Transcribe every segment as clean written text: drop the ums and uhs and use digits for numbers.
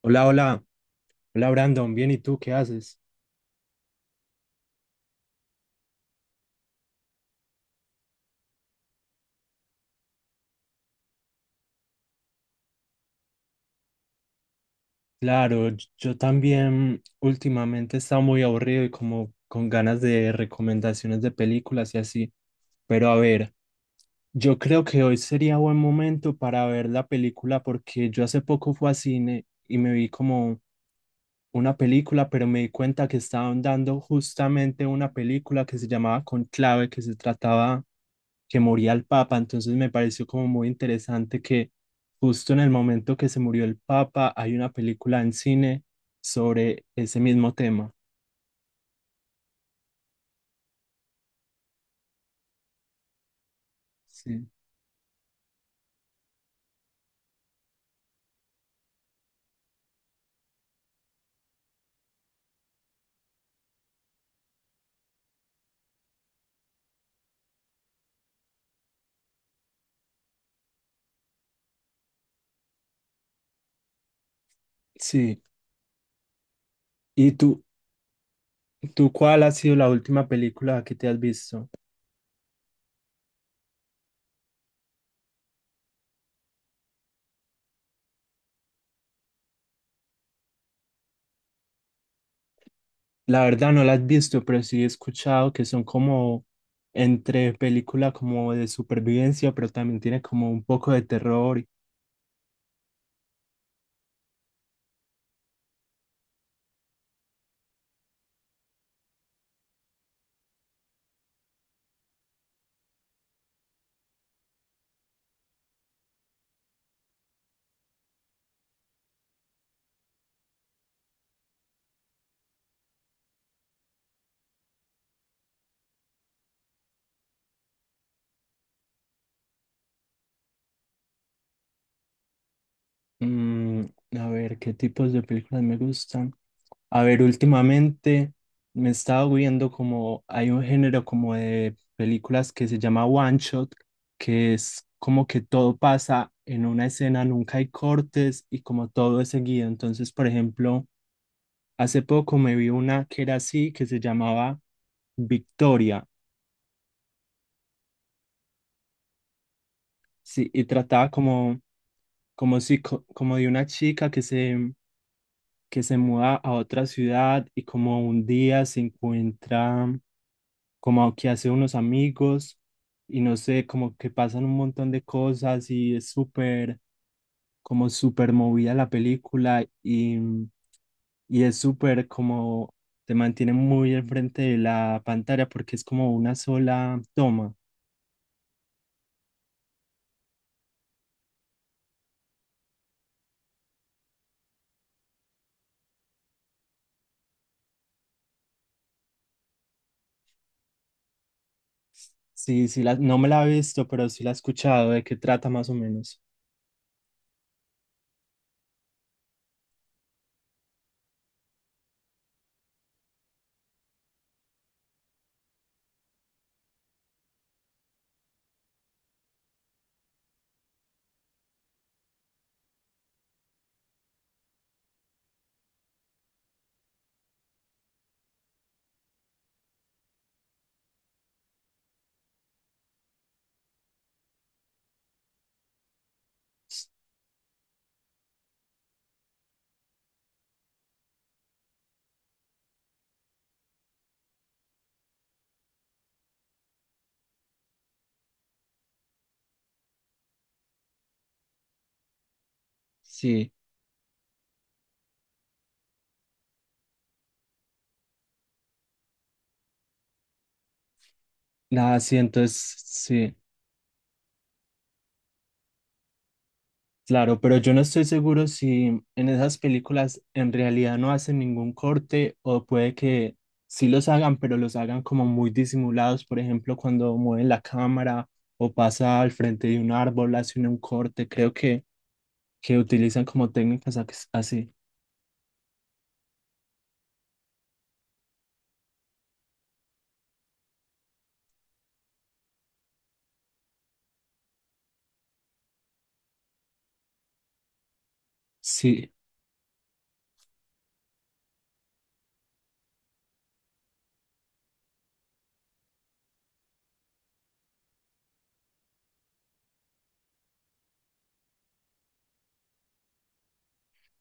Hola, hola, hola Brandon, bien, ¿y tú qué haces? Claro, yo también últimamente he estado muy aburrido y como con ganas de recomendaciones de películas y así, pero a ver, yo creo que hoy sería buen momento para ver la película porque yo hace poco fui a cine y me vi como una película, pero me di cuenta que estaban dando justamente una película que se llamaba Conclave, que se trataba que moría el Papa, entonces me pareció como muy interesante que justo en el momento que se murió el Papa hay una película en cine sobre ese mismo tema. Sí. Sí. ¿Y tú cuál ha sido la última película que te has visto? La verdad no las he visto, pero sí he escuchado que son como entre película como de supervivencia, pero también tiene como un poco de terror. Mm, a ver, ¿qué tipos de películas me gustan? A ver, últimamente me he estado viendo como hay un género como de películas que se llama One Shot, que es como que todo pasa en una escena, nunca hay cortes y como todo es seguido. Entonces, por ejemplo, hace poco me vi una que era así, que se llamaba Victoria, sí, y trataba como, como, si, como de una chica que se muda a otra ciudad y como un día se encuentra como que hace unos amigos y no sé, como que pasan un montón de cosas y es súper, como súper movida la película y es súper como, te mantiene muy al frente de la pantalla porque es como una sola toma. Sí, sí, la, no me la he visto, pero sí la he escuchado, de qué trata más o menos. Sí, la siento, es, sí, claro, pero yo no estoy seguro si en esas películas en realidad no hacen ningún corte o puede que sí los hagan, pero los hagan como muy disimulados, por ejemplo, cuando mueven la cámara o pasa al frente de un árbol, hacen un corte, creo que utilizan como técnicas así. Sí.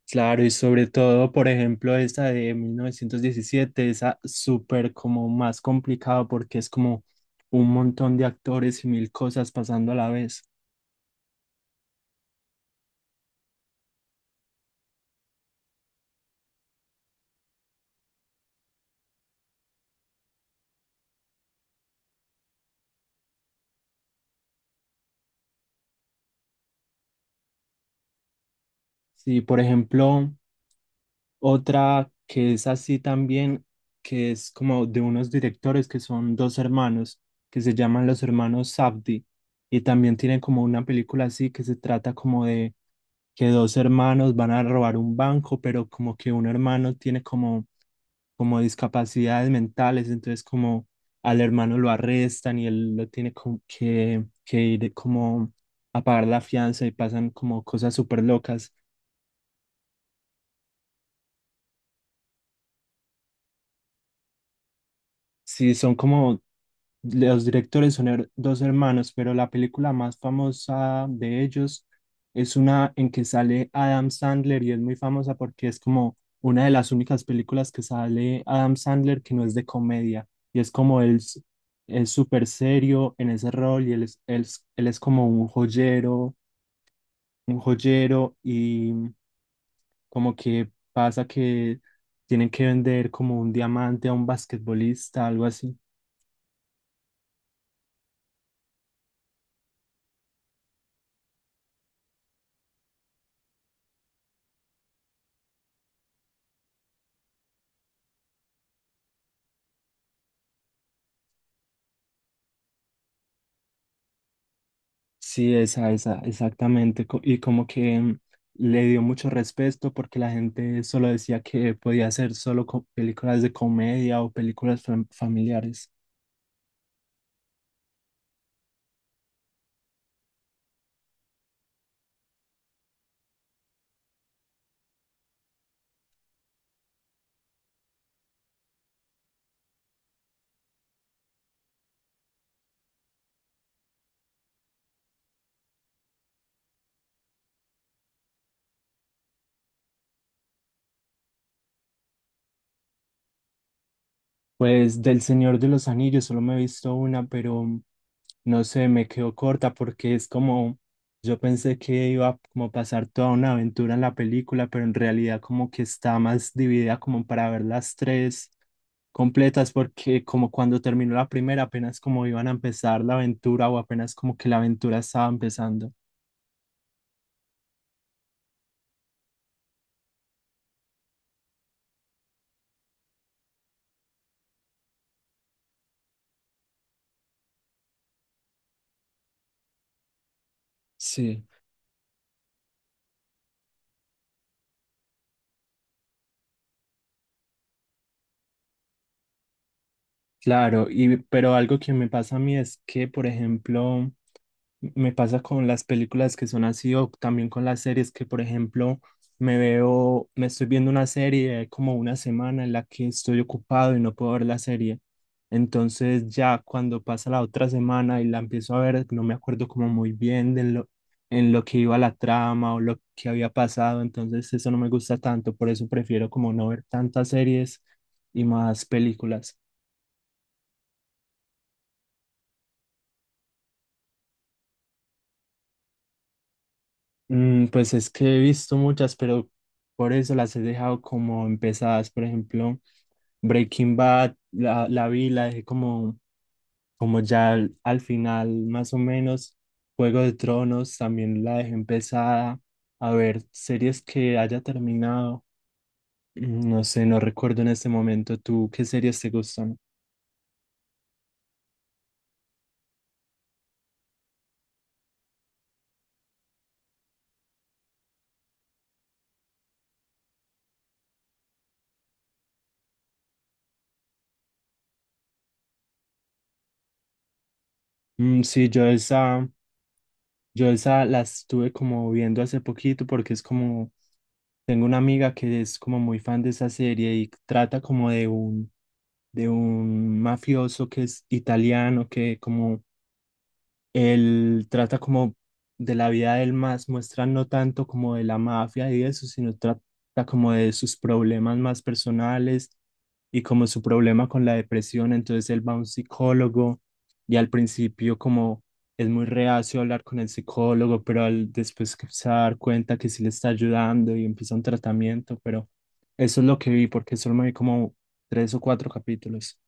Claro, y sobre todo, por ejemplo, esta de 1917, esa súper como más complicada porque es como un montón de actores y mil cosas pasando a la vez. Sí, por ejemplo, otra que es así también, que es como de unos directores que son dos hermanos, que se llaman los hermanos Safdie, y también tienen como una película así que se trata como de que dos hermanos van a robar un banco, pero como que un hermano tiene como, como discapacidades mentales, entonces como al hermano lo arrestan y él lo tiene como que ir como a pagar la fianza y pasan como cosas súper locas. Sí, son como los directores son dos hermanos, pero la película más famosa de ellos es una en que sale Adam Sandler y es muy famosa porque es como una de las únicas películas que sale Adam Sandler que no es de comedia y es como es súper serio en ese rol y él es como un joyero y como que pasa que tienen que vender como un diamante a un basquetbolista, algo así. Sí, esa, exactamente. Y como que le dio mucho respeto porque la gente solo decía que podía hacer solo películas de comedia o películas familiares. Pues del Señor de los Anillos solo me he visto una, pero no sé, me quedó corta porque es como, yo pensé que iba a como pasar toda una aventura en la película, pero en realidad como que está más dividida como para ver las tres completas, porque como cuando terminó la primera, apenas como iban a empezar la aventura o apenas como que la aventura estaba empezando. Sí. Claro, y pero algo que me pasa a mí es que, por ejemplo, me pasa con las películas que son así o también con las series que, por ejemplo, me veo, me estoy viendo una serie como una semana en la que estoy ocupado y no puedo ver la serie. Entonces ya cuando pasa la otra semana y la empiezo a ver, no me acuerdo como muy bien de lo, en lo que iba la trama o lo que había pasado. Entonces eso no me gusta tanto, por eso prefiero como no ver tantas series y más películas. Pues es que he visto muchas, pero por eso las he dejado como empezadas. Por ejemplo, Breaking Bad, la vi, la dejé como, como ya al, al final, más o menos. Juego de Tronos también la dejé empezada. A ver, series que haya terminado. No sé, no recuerdo en este momento. ¿Tú qué series te gustan? Sí, yo esa las estuve como viendo hace poquito porque es como tengo una amiga que es como muy fan de esa serie y trata como de un mafioso que es italiano, que como él trata como de la vida del más, muestra no tanto como de la mafia y eso, sino trata como de sus problemas más personales y como su problema con la depresión. Entonces él va a un psicólogo y al principio como es muy reacio a hablar con el psicólogo, pero al, después que se va a dar cuenta que sí le está ayudando y empieza un tratamiento, pero eso es lo que vi porque solo me vi como tres o cuatro capítulos.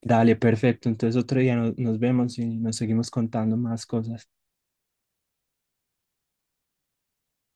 Dale, perfecto. Entonces otro día nos vemos y nos seguimos contando más cosas.